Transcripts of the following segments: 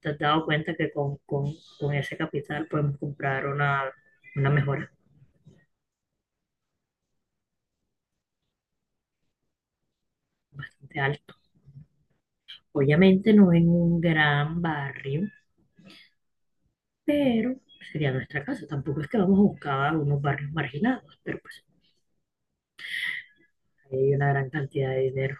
¿Te has dado cuenta que con ese capital podemos comprar una mejora bastante alta? Obviamente no en un gran barrio, pero sería nuestra casa. Tampoco es que vamos a buscar unos barrios marginados, pero pues hay una gran cantidad de dinero.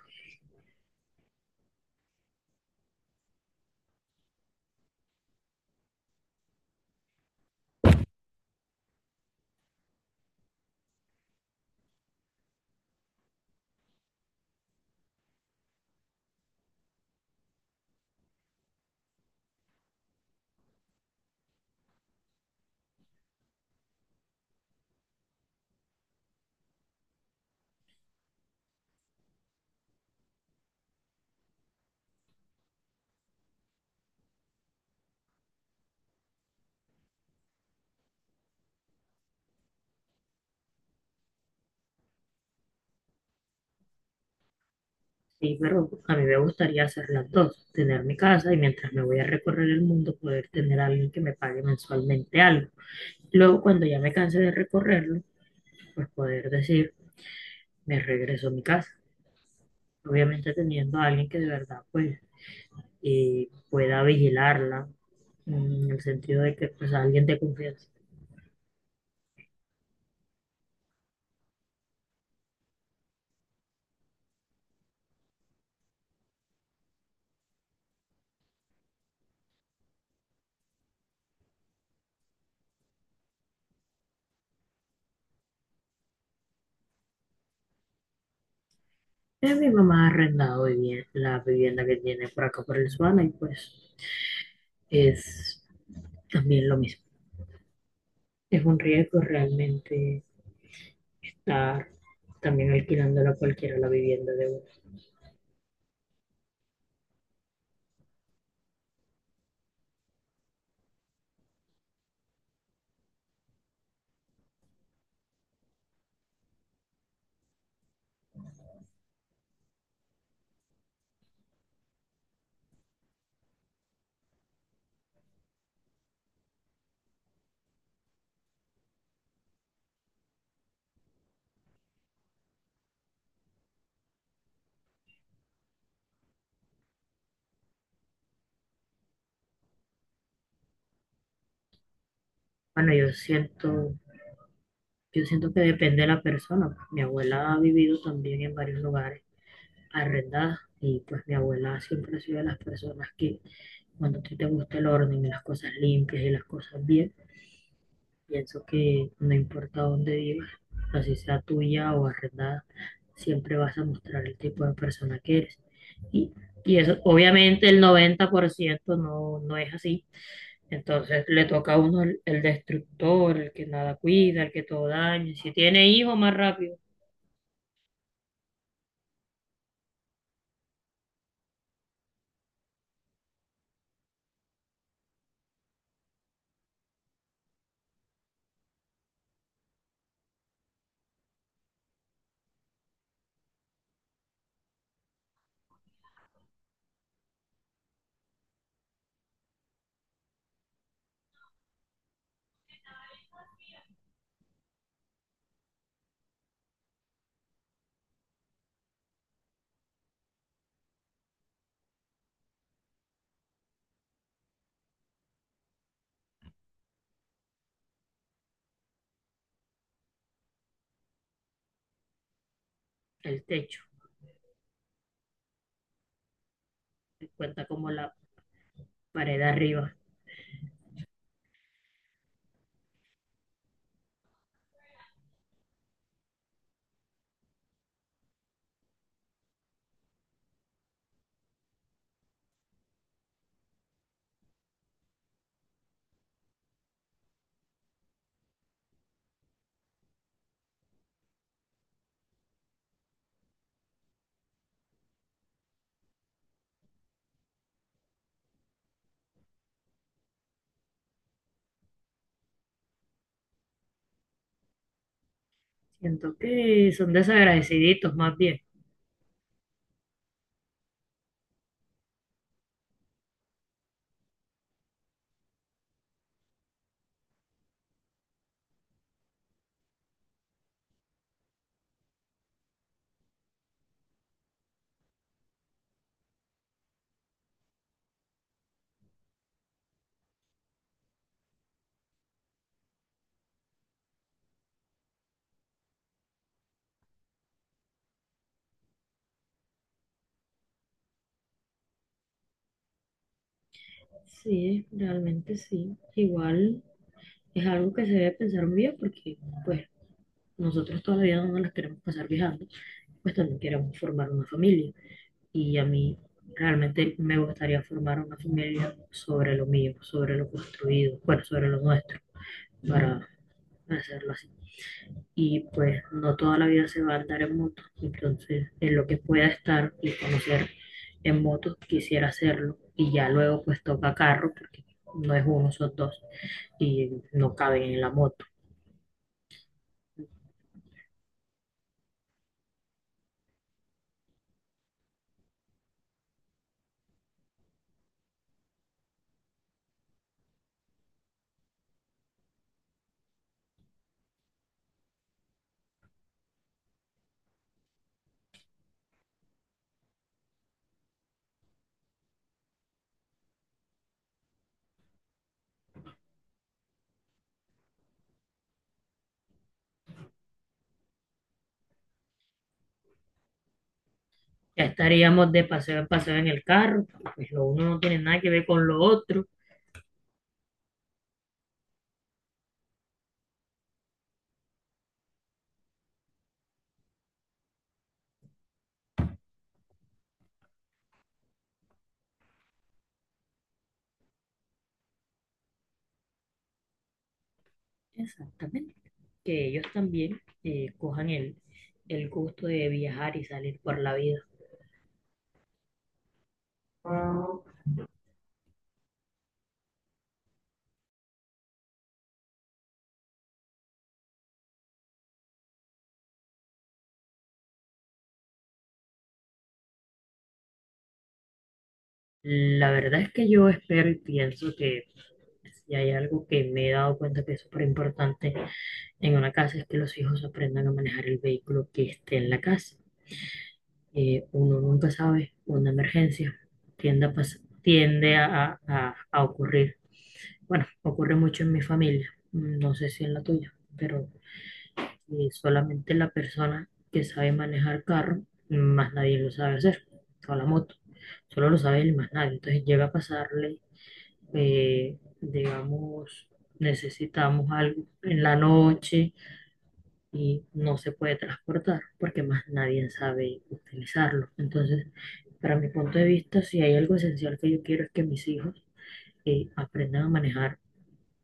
Sí, pero a mí me gustaría hacer las dos, tener mi casa y mientras me voy a recorrer el mundo poder tener a alguien que me pague mensualmente algo. Luego, cuando ya me canse de recorrerlo, pues poder decir, me regreso a mi casa. Obviamente teniendo a alguien que de verdad pues pueda vigilarla, en el sentido de que pues alguien de confianza. Mi mamá ha arrendado la vivienda que tiene por acá por el Suana y pues es también lo mismo. Es un riesgo realmente estar también alquilándola cualquiera la vivienda de uno. Bueno, yo siento que depende de la persona. Mi abuela ha vivido también en varios lugares arrendadas y pues mi abuela siempre ha sido de las personas que, cuando a ti te gusta el orden y las cosas limpias y las cosas bien, pienso que no importa dónde vivas, así sea tuya o arrendada, siempre vas a mostrar el tipo de persona que eres. Y, y eso, obviamente el 90% no es así. Entonces le toca a uno el destructor, el que nada cuida, el que todo daña. Si tiene hijos más rápido, el techo. Se cuenta como la pared arriba. Siento que son desagradeciditos más bien. Sí, realmente sí. Igual es algo que se debe pensar muy bien porque, pues, nosotros todavía no nos las queremos pasar viajando, pues también queremos formar una familia. Y a mí realmente me gustaría formar una familia sobre lo mío, sobre lo construido, bueno, sobre lo nuestro, para hacerlo así. Y pues no toda la vida se va a andar en moto, entonces en lo que pueda estar y conocer en moto quisiera hacerlo. Y ya luego pues toca carro porque no es uno, son dos y no caben en la moto. Ya estaríamos de paseo en paseo en el carro, pues lo uno no tiene nada que ver con lo otro. Exactamente. Que ellos también cojan el gusto de viajar y salir por la vida. La verdad es que yo espero y pienso que si hay algo que me he dado cuenta que es súper importante en una casa es que los hijos aprendan a manejar el vehículo que esté en la casa. Uno nunca sabe, una emergencia tiende a, pas- tiende a ocurrir. Bueno, ocurre mucho en mi familia, no sé si en la tuya, pero solamente la persona que sabe manejar carro, mm, más nadie lo sabe hacer, o la moto, solo lo sabe él y más nadie. Entonces llega a pasarle, digamos, necesitamos algo en la noche y no se puede transportar porque más nadie sabe utilizarlo. Entonces, para mi punto de vista, si hay algo esencial que yo quiero es que mis hijos aprendan a manejar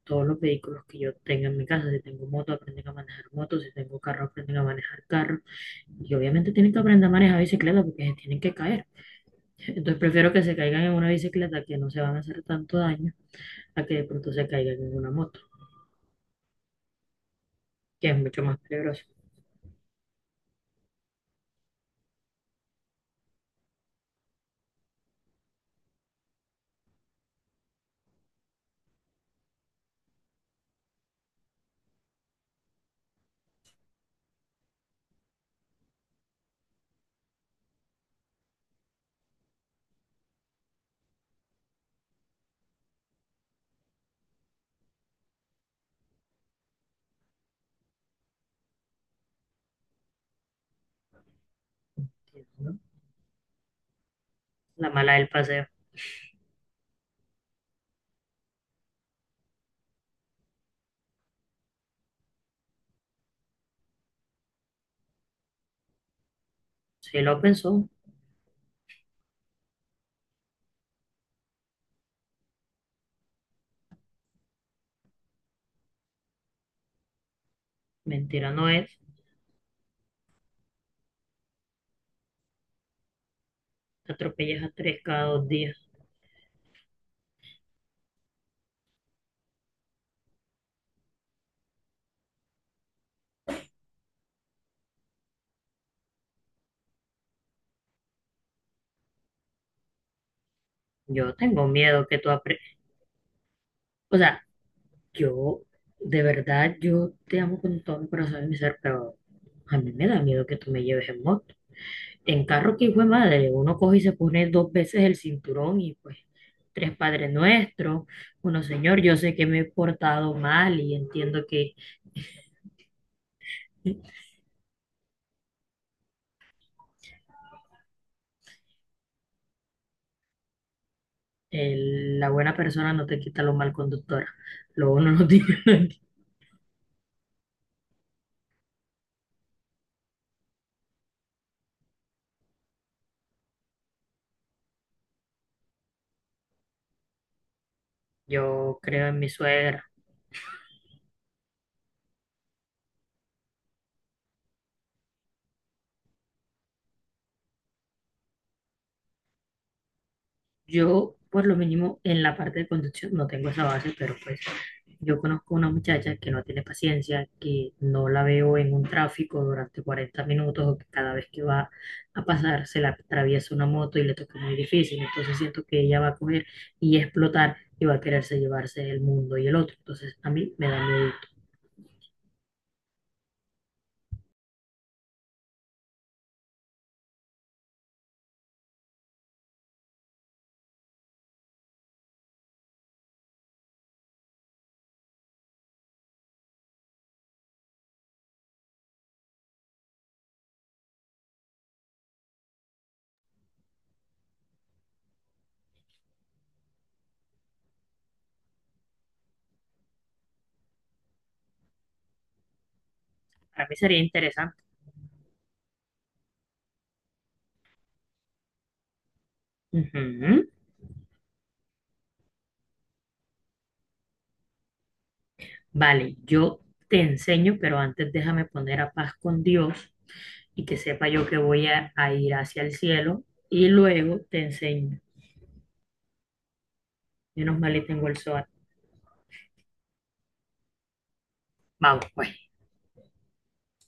todos los vehículos que yo tenga en mi casa. Si tengo moto, aprenden a manejar moto. Si tengo carro, aprenden a manejar carro. Y obviamente tienen que aprender a manejar bicicleta porque se tienen que caer. Entonces prefiero que se caigan en una bicicleta, que no se van a hacer tanto daño, a que de pronto se caigan en una moto, que es mucho más peligroso. ¿No? La mala del paseo. Si lo pensó, mentira no es. Te atropellas a tres cada dos días. Yo tengo miedo que tú aprendas. O sea, yo, de verdad, yo te amo con todo mi corazón y mi ser, pero a mí me da miedo que tú me lleves en moto. En carro, que hijo de madre, uno coge y se pone dos veces el cinturón y pues tres padres nuestros. Bueno, señor, yo sé que me he portado mal y entiendo que el- la buena persona no te quita lo mal conductora. Lo uno no tiene. Yo creo en mi suegra. Yo, por lo mínimo, en la parte de conducción no tengo esa base, pero pues yo conozco una muchacha que no tiene paciencia, que no la veo en un tráfico durante 40 minutos o que cada vez que va a pasar se la atraviesa una moto y le toca muy difícil. Entonces siento que ella va a coger y explotar y va a quererse llevarse el mundo y el otro. Entonces a mí me da miedo. Para mí sería interesante. Ujú. Vale, yo te enseño, pero antes déjame poner a paz con Dios y que sepa yo que voy a ir hacia el cielo y luego te enseño. Menos mal y tengo el SOAT. Vamos, pues.